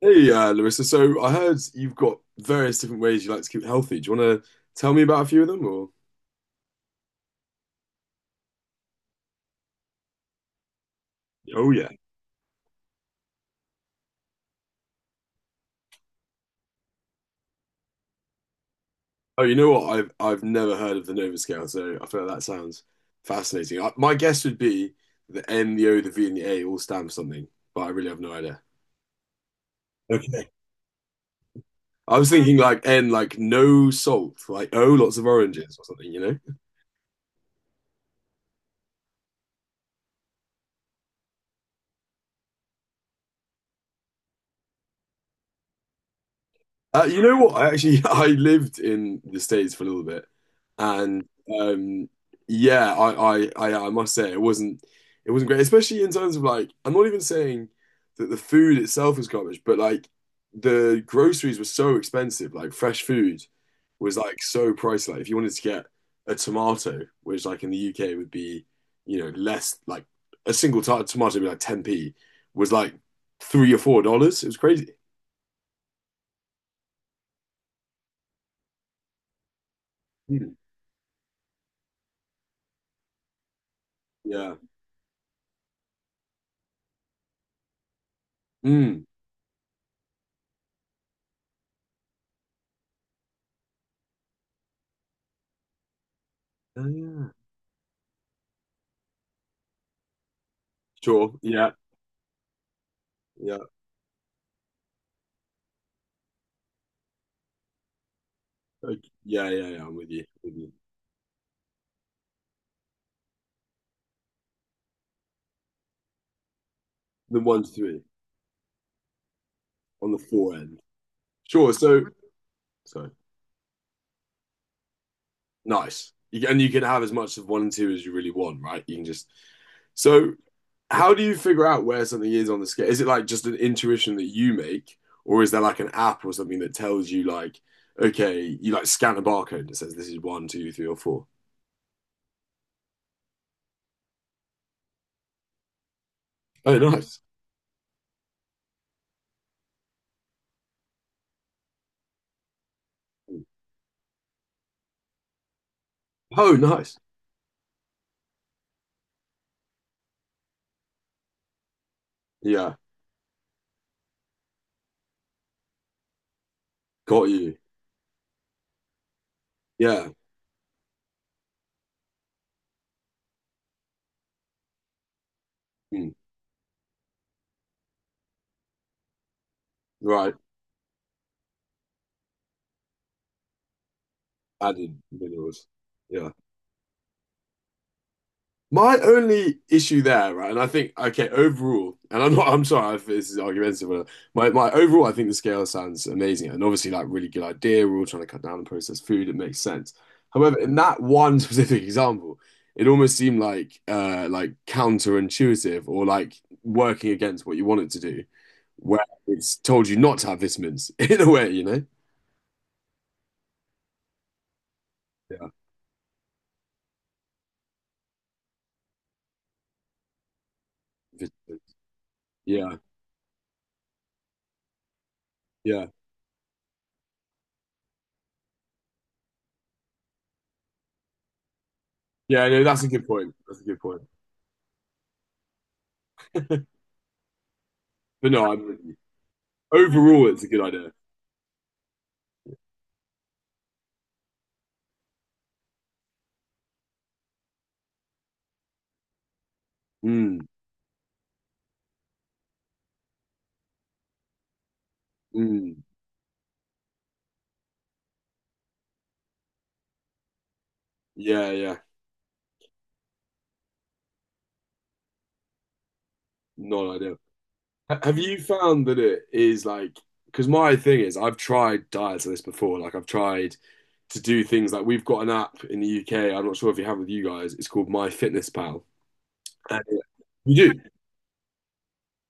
Hey, Larissa. So I heard you've got various different ways you like to keep healthy. Do you want to tell me about a few of them, or? Oh yeah. Oh, you know what? I've never heard of the Nova Scale, so I feel like that sounds fascinating. I, my guess would be the N, the O, the V, and the A all stand for something, but I really have no idea. Okay. I was thinking like N, like no salt, like O, lots of oranges or something, you know? You know what? I actually I lived in the States for a little bit, and um, yeah, I must say it wasn't great, especially in terms of like I'm not even saying that the food itself was garbage, but like the groceries were so expensive. Like fresh food was like so pricey. Like if you wanted to get a tomato, which like in the UK would be you know less like a single t tomato would be like 10p, was like $3 or $4. It was crazy. Mm. Yeah. Mm. Oh, yeah. Sure. Yeah. Yeah. Okay. Yeah. Yeah. Yeah. I'm with you. With you. The one to three on the four end. Sure. So, so nice. You, can- and you can have as much of one and two as you really want, right? You can just. So, how do you figure out where something is on the scale? Is it like just an intuition that you make, or is there like an app or something that tells you, like, okay, you like scan a barcode that says this is one, two, three, or four? Oh, nice. Oh, nice. Yeah. Got you. Yeah. Hmm. Right. Added minerals. Yeah. My only issue there, right, and I think okay, overall, and I'm not, I'm sorry if this is argumentative, but my overall, I think the scale sounds amazing, and obviously, like really good idea. We're all trying to cut down on processed food; it makes sense. However, in that one specific example, it almost seemed like counterintuitive or like working against what you wanted to do, where it's told you not to have vitamins in a way, you know? Yeah, vitamins. yeah, yeah, yeah. No, that's a good point. That's a good point. But no, I'm with you. Overall, it's a good idea. Mm, mm, yeah, not ideal. Ha- Have you found that it is like, because my thing is, I've tried diets like this before. Like, I've tried to do things like we've got an app in the UK. I'm not sure if you have with you guys. It's called My Fitness Pal. And you do.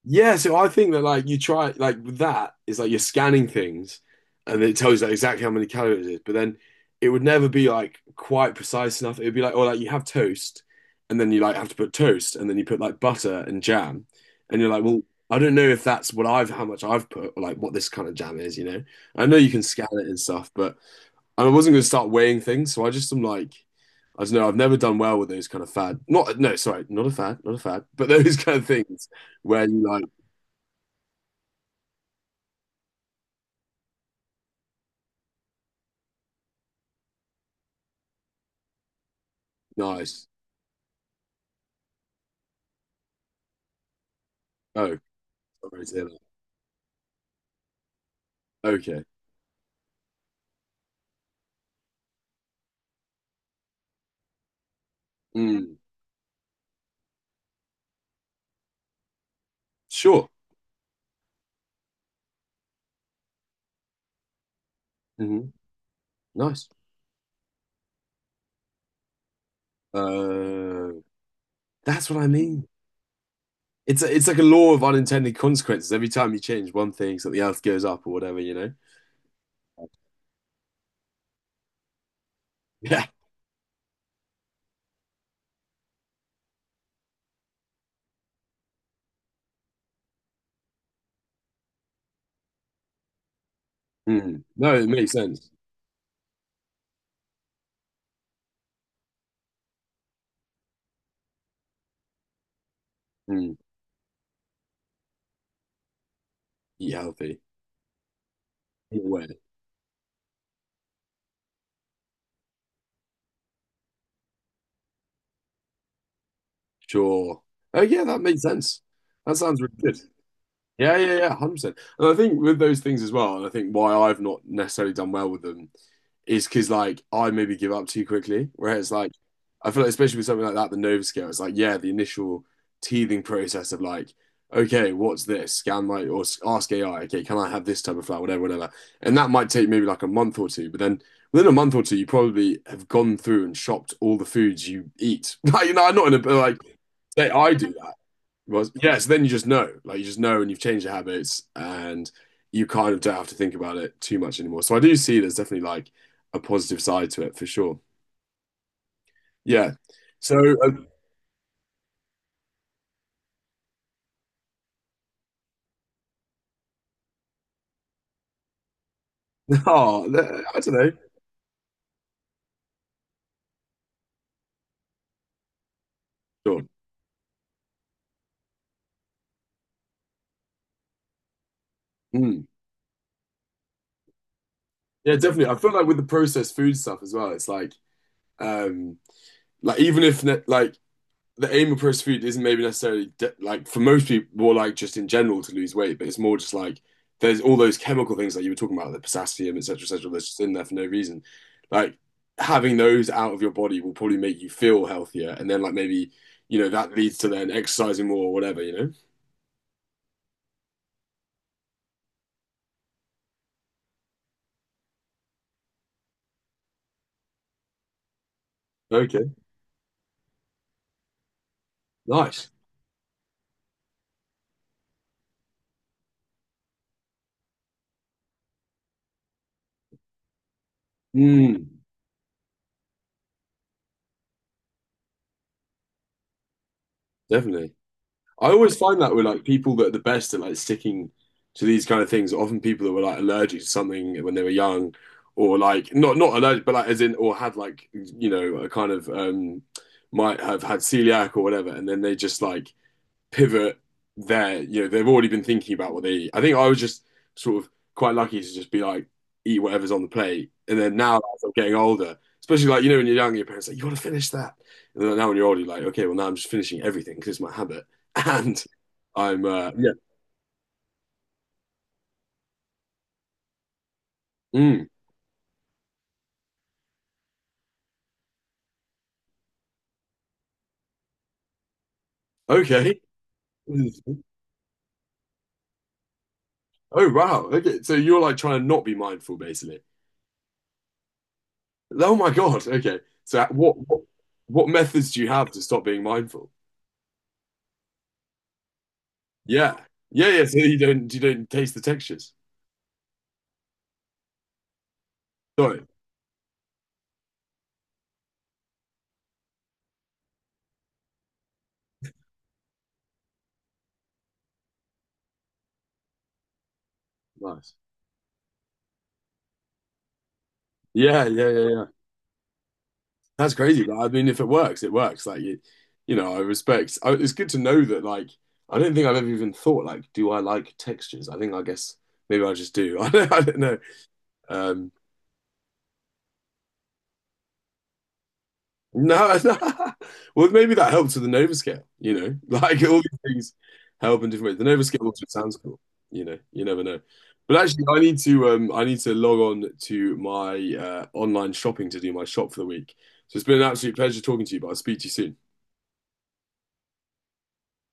Yeah, so I think that like you try like with that is like you're scanning things and it tells you like, exactly how many calories it is, but then it would never be like quite precise enough. It would be like, or like you have toast and then you like have to put toast and then you put like butter and jam and you're like, well, I don't know if that's what I've how much I've put or like what this kind of jam is, you know. I know you can scan it and stuff, but I wasn't going to start weighing things, so I just am like I don't know, I've never done well with those kind of fad. Not no, sorry, not a fad, but those kind of things where you like nice. Oh, sorry to hear that. Okay. Mm, sure. Hmm. Nice. Uh, that's what I mean. It's like a law of unintended consequences. Every time you change one thing, something else goes up or whatever, you know? Yeah. Mm. No, it makes sense. Mm. Eat healthy. Eat aware. Sure. Oh, yeah, that makes sense. That sounds really good. Yeah, yeah, yeah, 100%. And I think with those things as well, and I think why I've not necessarily done well with them is because, like, I maybe give up too quickly. Whereas, like, I feel like, especially with something like that, the Nova Scale, it's like, yeah, the initial teething process of, like, okay, what's this? Scan my, or s- ask AI, okay, can I have this type of flower, whatever, whatever. And that might take maybe like a month or two. But then within a month or two, you probably have gone through and shopped all the foods you eat. Like, you know, I'm not in a, like, say I do that. Well, yes, then you just know. Like you just know and you've changed your habits and you kind of don't have to think about it too much anymore. So I do see there's definitely like a positive side to it for sure. Yeah. So, um, oh, I don't know. Sure. Mm. Yeah, definitely. I feel like with the processed food stuff as well, it's um, like even if ne- like the aim of processed food isn't maybe necessarily de- like for most people more like just in general to lose weight, but it's more just like there's all those chemical things that you were talking about, the potassium, etc., etc., that's just in there for no reason. Like having those out of your body will probably make you feel healthier, and then like maybe you know that leads to then exercising more or whatever. You know? Okay, nice. Mm, definitely. I always find that with like people that are the best at like sticking to these kind of things, often people that were like allergic to something when they were young, or like not allergic, but like as in or had like you know a kind of might have had celiac or whatever, and then they just like pivot there. You know, they've already been thinking about what they eat. I think I was just sort of quite lucky to just be like, eat whatever's on the plate. And then now as I'm getting older, especially like, you know, when you're young, your parents are like, you want to finish that. And then now when you're older, you're like, okay, well, now I'm just finishing everything because it's my habit. And I'm, yeah, mm, okay. Oh, wow. Okay. So you're like trying to not be mindful, basically. Oh, my God. Okay. So what methods do you have to stop being mindful? Yeah. Yeah. Yeah. So you don't taste the textures. Got it. Nice. Yeah, yeah, yeah, yeah. That's crazy. Like, I mean, if it works, it works. Like you know, I respect. I, it's good to know that. Like, I don't think I've ever even thought like, do I like textures? I think I guess maybe I just do. I don't know. Um, No, no. Well, maybe that helped with the Nova Scale, you know, like all these things help in different ways. The Nova Scale also sounds cool, you know, you never know. But actually, I need to log on to my online shopping to do my shop for the week. So it's been an absolute pleasure talking to you, but I'll speak to you soon.